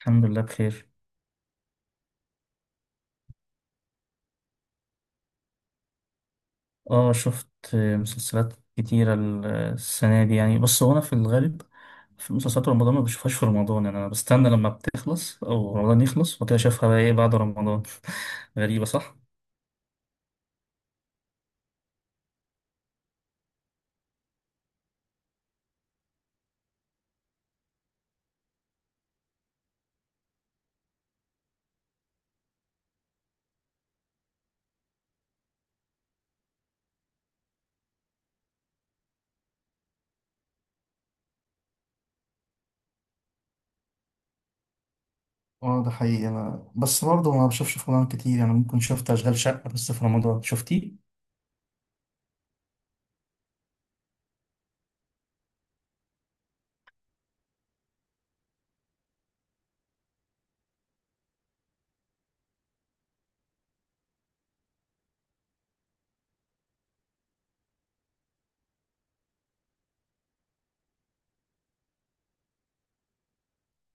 الحمد لله بخير. اه، شفت مسلسلات كتيرة السنة دي. يعني بس هو أنا في الغالب في مسلسلات رمضان ما بشوفهاش في رمضان، يعني أنا بستنى لما بتخلص أو رمضان يخلص وكده أشوفها بقى إيه بعد رمضان. غريبة صح؟ اه، ده حقيقي. انا بس برضه ما بشوفش في رمضان كتير، يعني ممكن شفت اشغال شقه، بس في رمضان شفتيه؟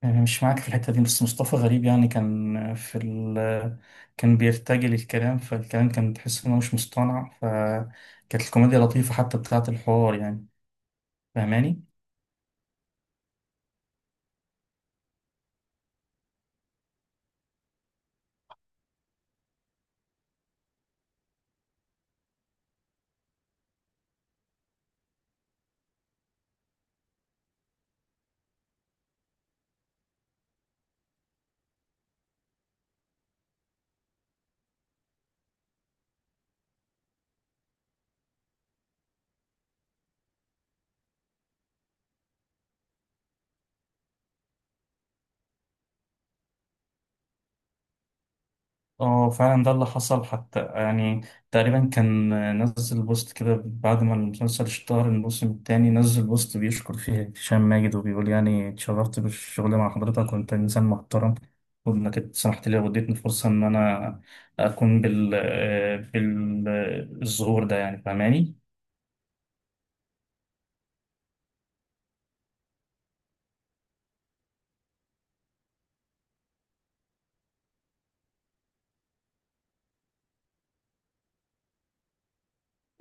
يعني مش معاك في الحته دي، بس مصطفى غريب يعني كان في ال كان بيرتجل الكلام، فالكلام كان تحس انه مش مصطنع، فكانت الكوميديا لطيفه حتى بتاعه الحوار يعني. فاهماني؟ اه فعلا ده اللي حصل حتى يعني. تقريبا كان نزل بوست كده بعد ما المسلسل اشتهر الموسم التاني، نزل بوست بيشكر فيه هشام ماجد، وبيقول يعني اتشرفت بالشغل مع حضرتك وانت انسان محترم، وانك سمحت لي واديتني فرصة ان انا اكون بالظهور ده، يعني فاهماني؟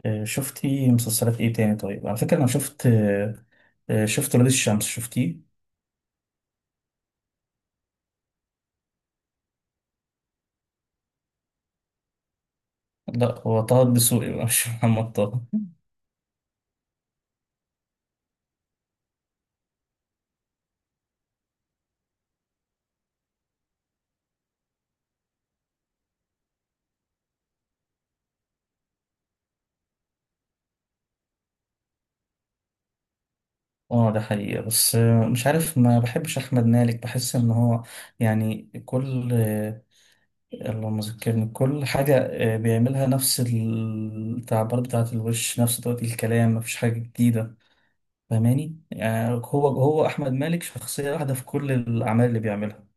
شفتي مسلسلات ايه تاني؟ طيب على فكرة انا شفت، شفت ولاد الشمس، شفتيه؟ لا، هو طه الدسوقي بقى، مش محمد طه. اه ده حقيقة، بس مش عارف، ما بحبش أحمد مالك. بحس إن هو يعني كل اللهم ذكرني كل حاجة بيعملها نفس التعبيرات بتاعة الوش، نفس طريقة الكلام، مفيش حاجة جديدة. فاهماني؟ يعني هو أحمد مالك شخصية واحدة في كل الأعمال اللي بيعملها.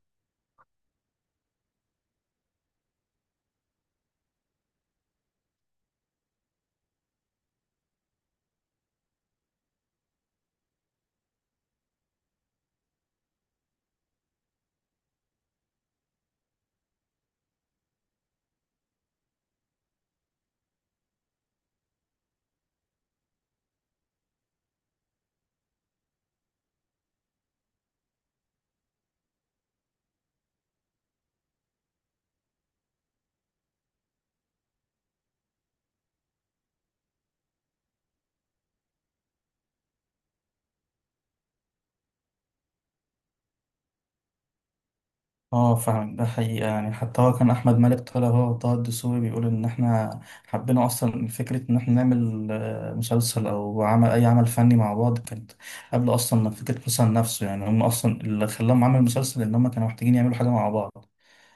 اه فعلا ده حقيقة يعني. حتى هو كان أحمد مالك طالع هو وطه الدسوقي، بيقول إن إحنا حبينا أصلا فكرة إن إحنا نعمل مسلسل أو عمل أي عمل فني مع بعض، كانت قبل أصلا ما فكرة مسلسل نفسه. يعني هم أصلا اللي خلاهم عمل مسلسل إن هم كانوا محتاجين يعملوا حاجة مع بعض.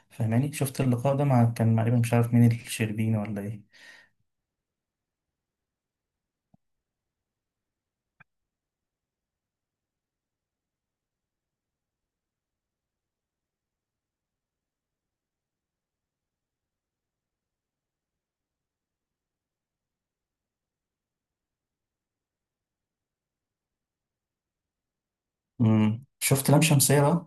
فاهماني؟ شفت اللقاء ده مع كان تقريبا مش عارف مين، الشربيني ولا إيه؟ مم. شفت لام شمسية بقى؟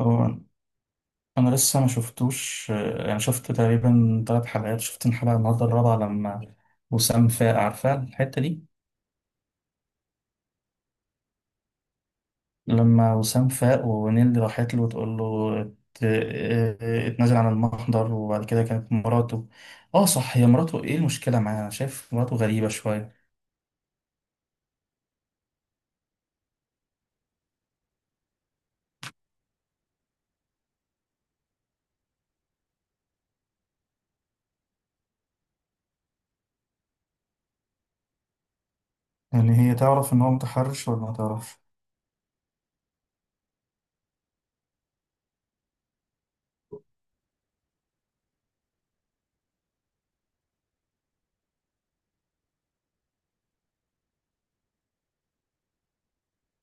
هو أنا لسه ما شفتوش. يعني شفت تقريبا تلات حلقات، شفت الحلقة النهاردة الرابعة لما وسام فاق، عارفة الحتة دي؟ لما وسام فاق ونيل راحت له وتقول له اتنازل عن المحضر، وبعد كده كانت مراته. اه صح، هي مراته. ايه المشكلة معاها؟ انا شايف مراته غريبة شوية. يعني هي تعرف ان هو متحرش ولا ما تعرفش؟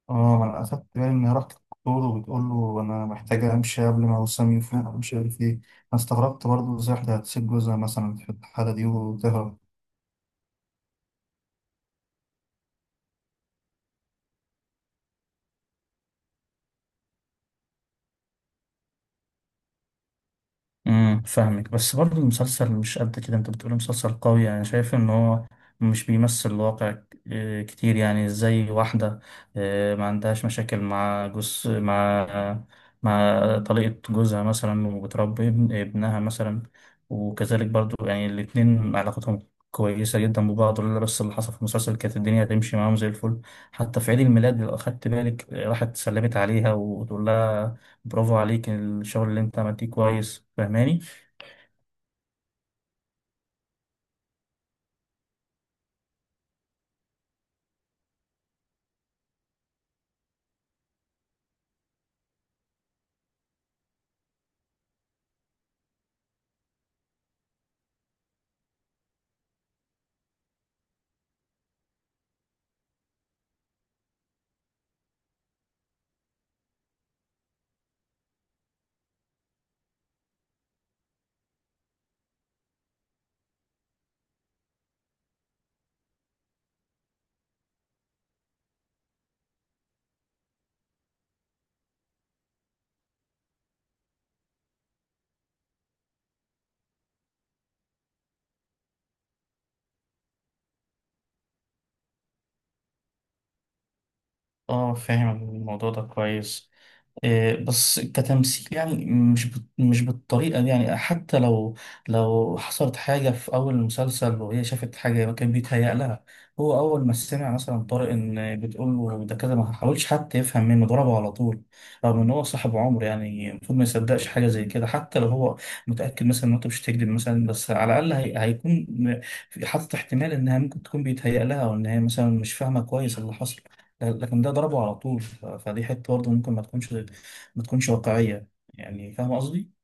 اه، ما انا اخدت بالي ان هي راحت للدكتور وبتقول له انا محتاجة امشي قبل ما وسام يفوق، مش عارف ايه. انا استغربت برضه ازاي واحدة هتسيب جوزها مثلا في الحالة دي وتهرب. امم، فاهمك، بس برضه المسلسل مش قد كده. انت بتقول مسلسل قوي، يعني شايف ان هو مش بيمثل الواقع كتير. يعني زي واحدة ما عندهاش مشاكل مع جوز مع مع طليقة جوزها مثلا، وبتربي ابنها مثلا، وكذلك برضه يعني الاتنين علاقتهم كويسة جدا ببعض. ولا بس اللي حصل في المسلسل كانت الدنيا هتمشي معاهم زي الفل. حتى في عيد الميلاد لو أخدت بالك، راحت سلمت عليها وتقول لها برافو عليك، الشغل اللي انت عملتيه كويس. فاهماني؟ اه فاهم الموضوع ده كويس. إيه، بس كتمثيل يعني مش بالطريقة دي. يعني حتى لو لو حصلت حاجة في أول المسلسل وهي شافت حاجة، ما كان بيتهيأ لها. هو أول ما سمع مثلا طارق إن بتقول له ده كذا، ما حاولش حتى يفهم منه، ضربه على طول. رغم إن هو صاحب عمر، يعني المفروض ما يصدقش حاجة زي كده. حتى لو هو متأكد مثلا إن أنت مش هتكذب مثلا، بس على الأقل هي هيكون حاطط احتمال إنها ممكن تكون بيتهيأ لها، أو إن هي مثلا مش فاهمة كويس اللي حصل. لكن ده ضربه على طول، فدي حته برضه ممكن ما تكونش ما تكونش واقعية. يعني فاهم قصدي؟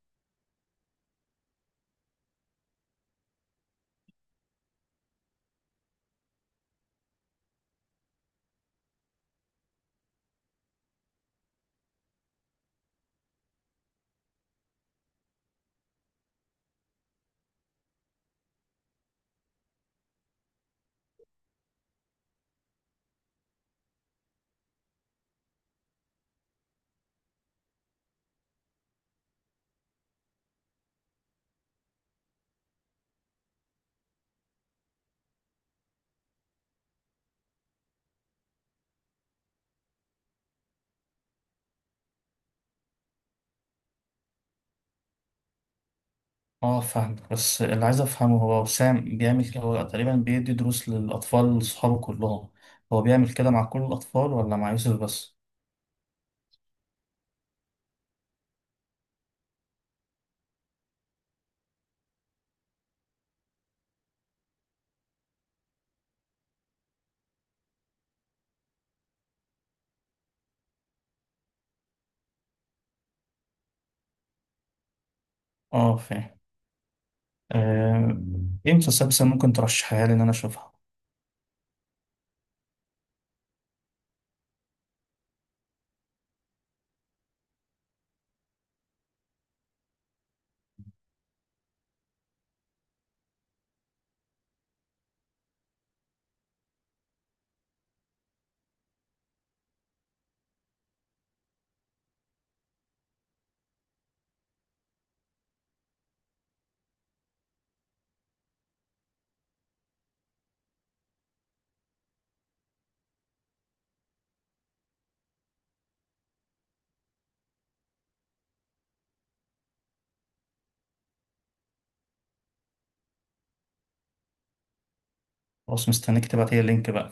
اه فاهم، بس اللي عايز افهمه هو وسام بيعمل كده، هو تقريبا بيدي دروس للاطفال لصحابه كلهم؟ هو بيعمل كده مع كل الاطفال ولا مع يوسف بس؟ اه فاهم. آه، ايه مسلسلات بس ممكن ترشحها لي ان انا اشوفها؟ خلاص، مستنيك تبعت لي اللينك بقى.